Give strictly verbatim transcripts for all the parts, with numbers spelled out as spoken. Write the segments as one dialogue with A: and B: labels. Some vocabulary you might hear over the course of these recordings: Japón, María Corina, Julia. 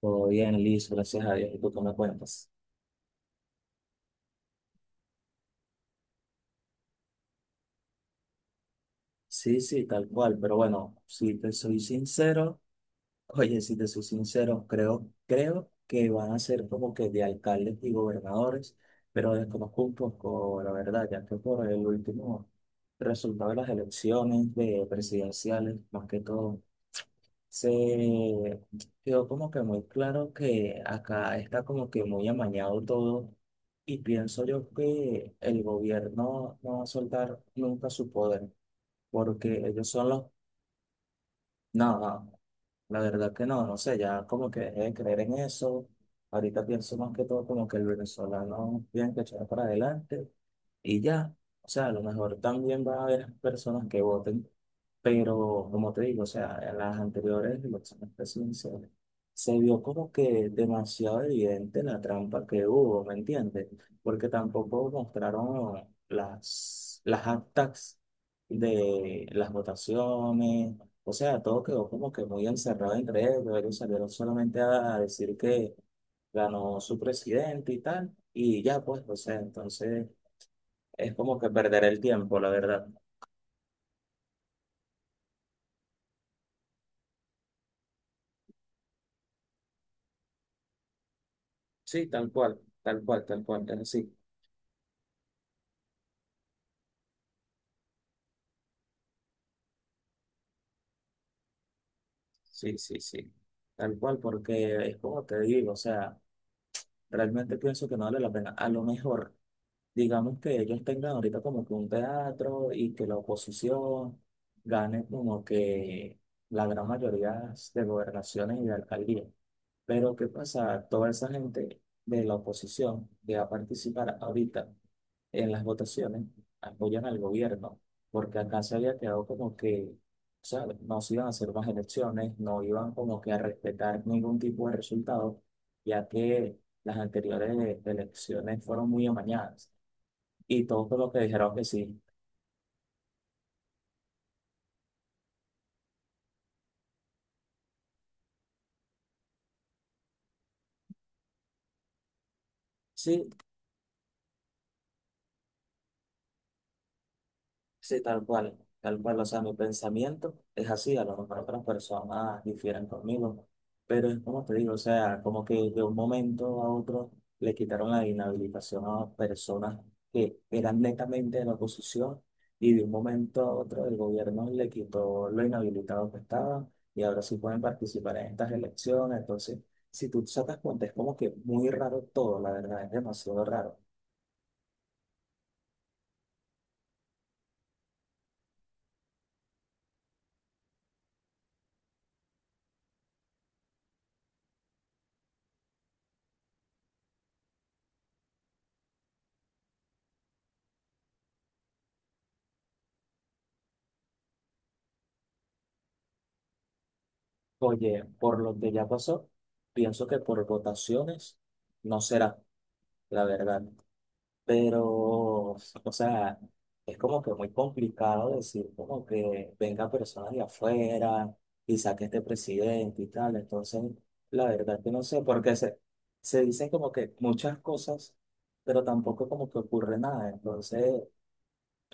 A: Todo bien, listo, gracias a Dios. ¿Y tú qué me cuentas? Sí, sí, tal cual. Pero bueno, si te soy sincero, oye, si te soy sincero, creo, creo que van a ser como que de alcaldes y gobernadores, pero desconozco un poco la verdad, ya que por el último resultado de las elecciones de presidenciales, más que todo se quedó como que muy claro que acá está como que muy amañado todo y pienso yo que el gobierno no va a soltar nunca su poder porque ellos son los... No, no, la verdad que no, no sé, ya como que dejé de creer en eso. Ahorita pienso más que todo como que el venezolano tiene que echar para adelante y ya. O sea, a lo mejor también va a haber personas que voten. Pero como te digo, o sea, en las anteriores elecciones presidenciales se vio como que demasiado evidente la trampa que hubo, ¿me entiendes? Porque tampoco mostraron las, las actas de las votaciones, o sea, todo quedó como que muy encerrado entre ellos, ellos salieron solamente a a decir que ganó su presidente y tal, y ya pues, o sea, entonces es como que perder el tiempo, la verdad. Sí, tal cual, tal cual, tal cual, es así. Sí, sí, sí. Tal cual, porque es como te digo, o sea, realmente pienso que no vale la pena. A lo mejor, digamos que ellos tengan ahorita como que un teatro y que la oposición gane como que la gran mayoría de gobernaciones y de alcaldías. Pero ¿qué pasa? Toda esa gente de la oposición que va a participar ahorita en las votaciones apoyan al gobierno, porque acá se había quedado como que, ¿sabes? No se iban a hacer más elecciones, no iban como que a respetar ningún tipo de resultado, ya que las anteriores elecciones fueron muy amañadas y todos por lo que dijeron que sí. Sí, sí, tal cual, tal cual, o sea, mi pensamiento es así, a lo mejor otras personas difieren conmigo, pero es como te digo, o sea, como que de un momento a otro le quitaron la inhabilitación a personas que eran netamente de la oposición y de un momento a otro el gobierno le quitó lo inhabilitado que estaban y ahora sí pueden participar en estas elecciones, entonces, si tú sacas cuenta, es como que muy raro todo, la verdad, es demasiado raro. Oye, por lo que ya pasó, pienso que por votaciones no será, la verdad. Pero, o sea, es como que muy complicado decir como que venga personas de afuera y saque este presidente y tal. Entonces, la verdad que no sé, porque se, se dicen como que muchas cosas, pero tampoco como que ocurre nada. Entonces,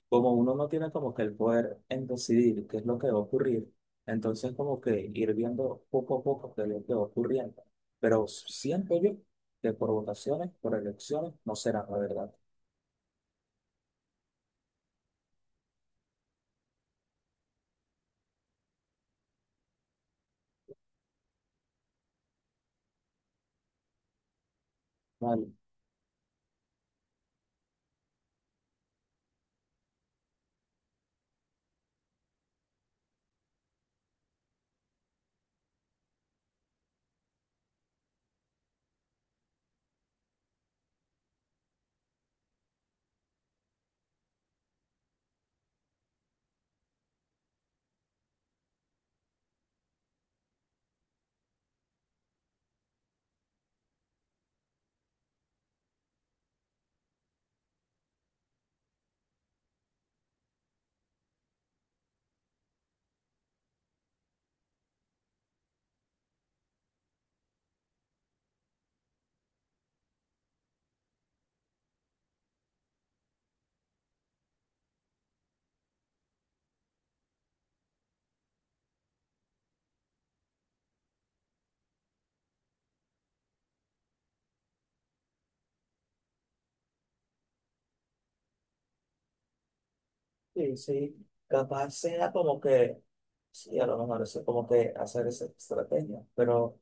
A: como uno no tiene como que el poder en decidir qué es lo que va a ocurrir, entonces como que ir viendo poco a poco qué es lo que va ocurriendo. Pero siento yo que por votaciones, por elecciones, no será la verdad. Vale. Sí, sí, capaz sea como que, sí, a lo mejor es como que hacer esa estrategia, pero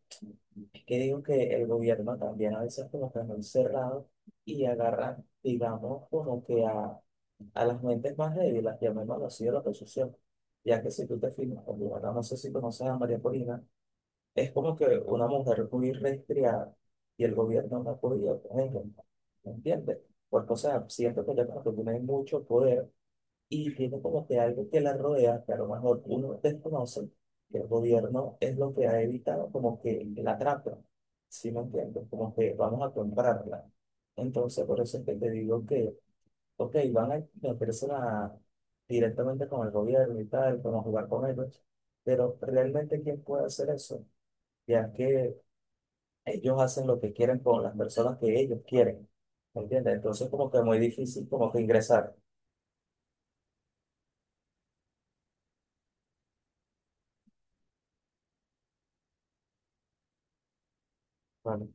A: es que digo que el gobierno también a veces como que es muy cerrado y agarran, digamos, como que a, a las mentes más débiles, llamémoslo así, de la oposición, ya que si tú te fijas, por ejemplo, no sé si conoces a María Corina, es como que una mujer muy restringida y el gobierno no ha podido con ella, ¿me entiendes? Porque, o sea, siento que ya como que tienen mucho poder y tiene como que algo que la rodea, que a lo mejor uno desconoce, que el gobierno es lo que ha evitado como que la trata, ¿sí me entiendes? Como que vamos a comprarla. Entonces, por eso es que te digo que, ok, van a meterse la- directamente con el gobierno y tal, vamos a jugar con ellos, pero realmente ¿quién puede hacer eso? Ya que ellos hacen lo que quieren con las personas que ellos quieren, ¿me entiendes? Entonces, como que muy difícil como que ingresar. Bueno,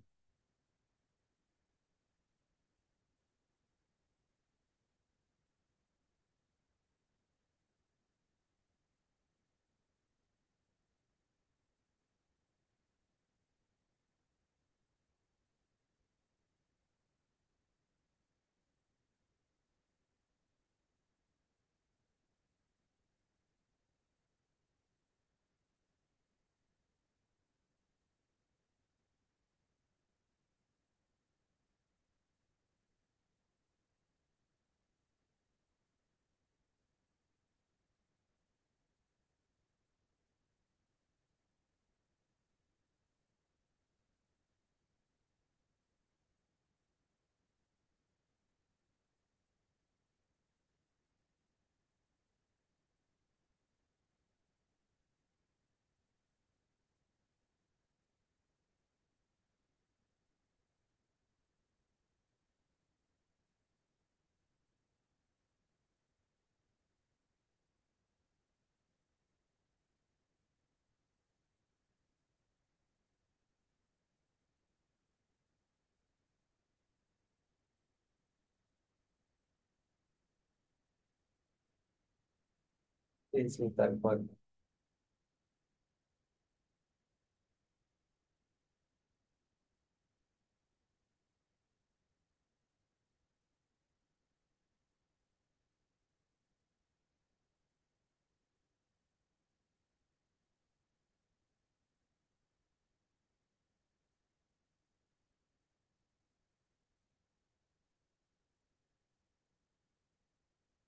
A: sí, sí, tal cual.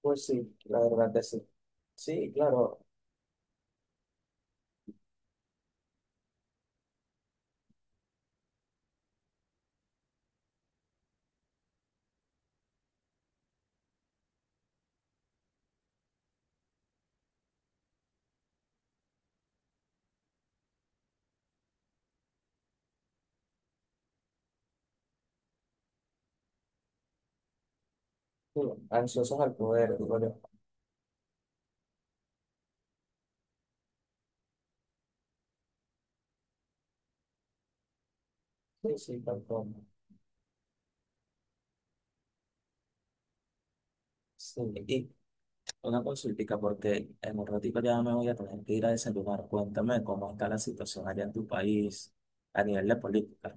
A: Pues sí, la verdad que sí. Sí, claro, digo, ansiosos al poder, digo yo. Sí, sí, tal cual. Sí, y una consultica, porque en un ratito ya me voy a tener que ir a desayunar. Cuéntame cómo está la situación allá en tu país a nivel de política.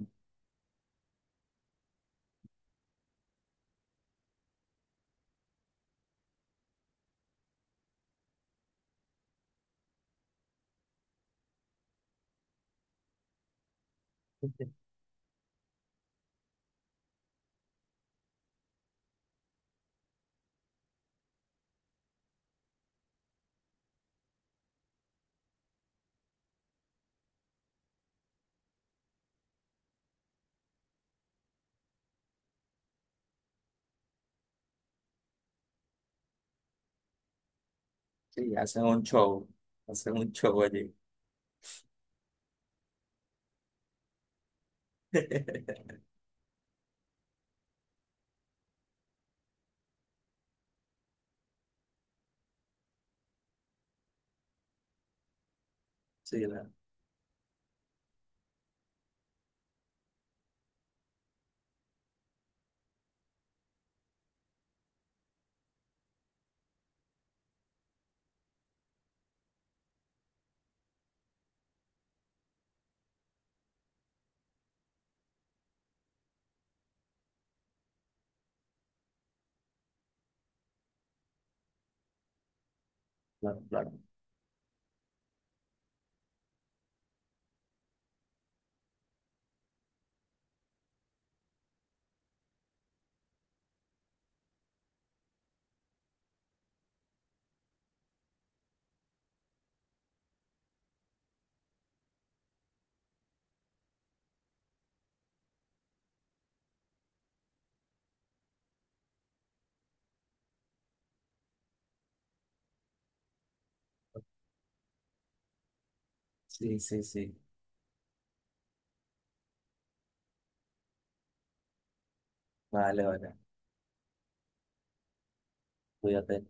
A: Sí, hacen un show, hacen un show allí. Sí, claro, claro, claro. Sí, sí, sí. Vale, vale. Cuídate.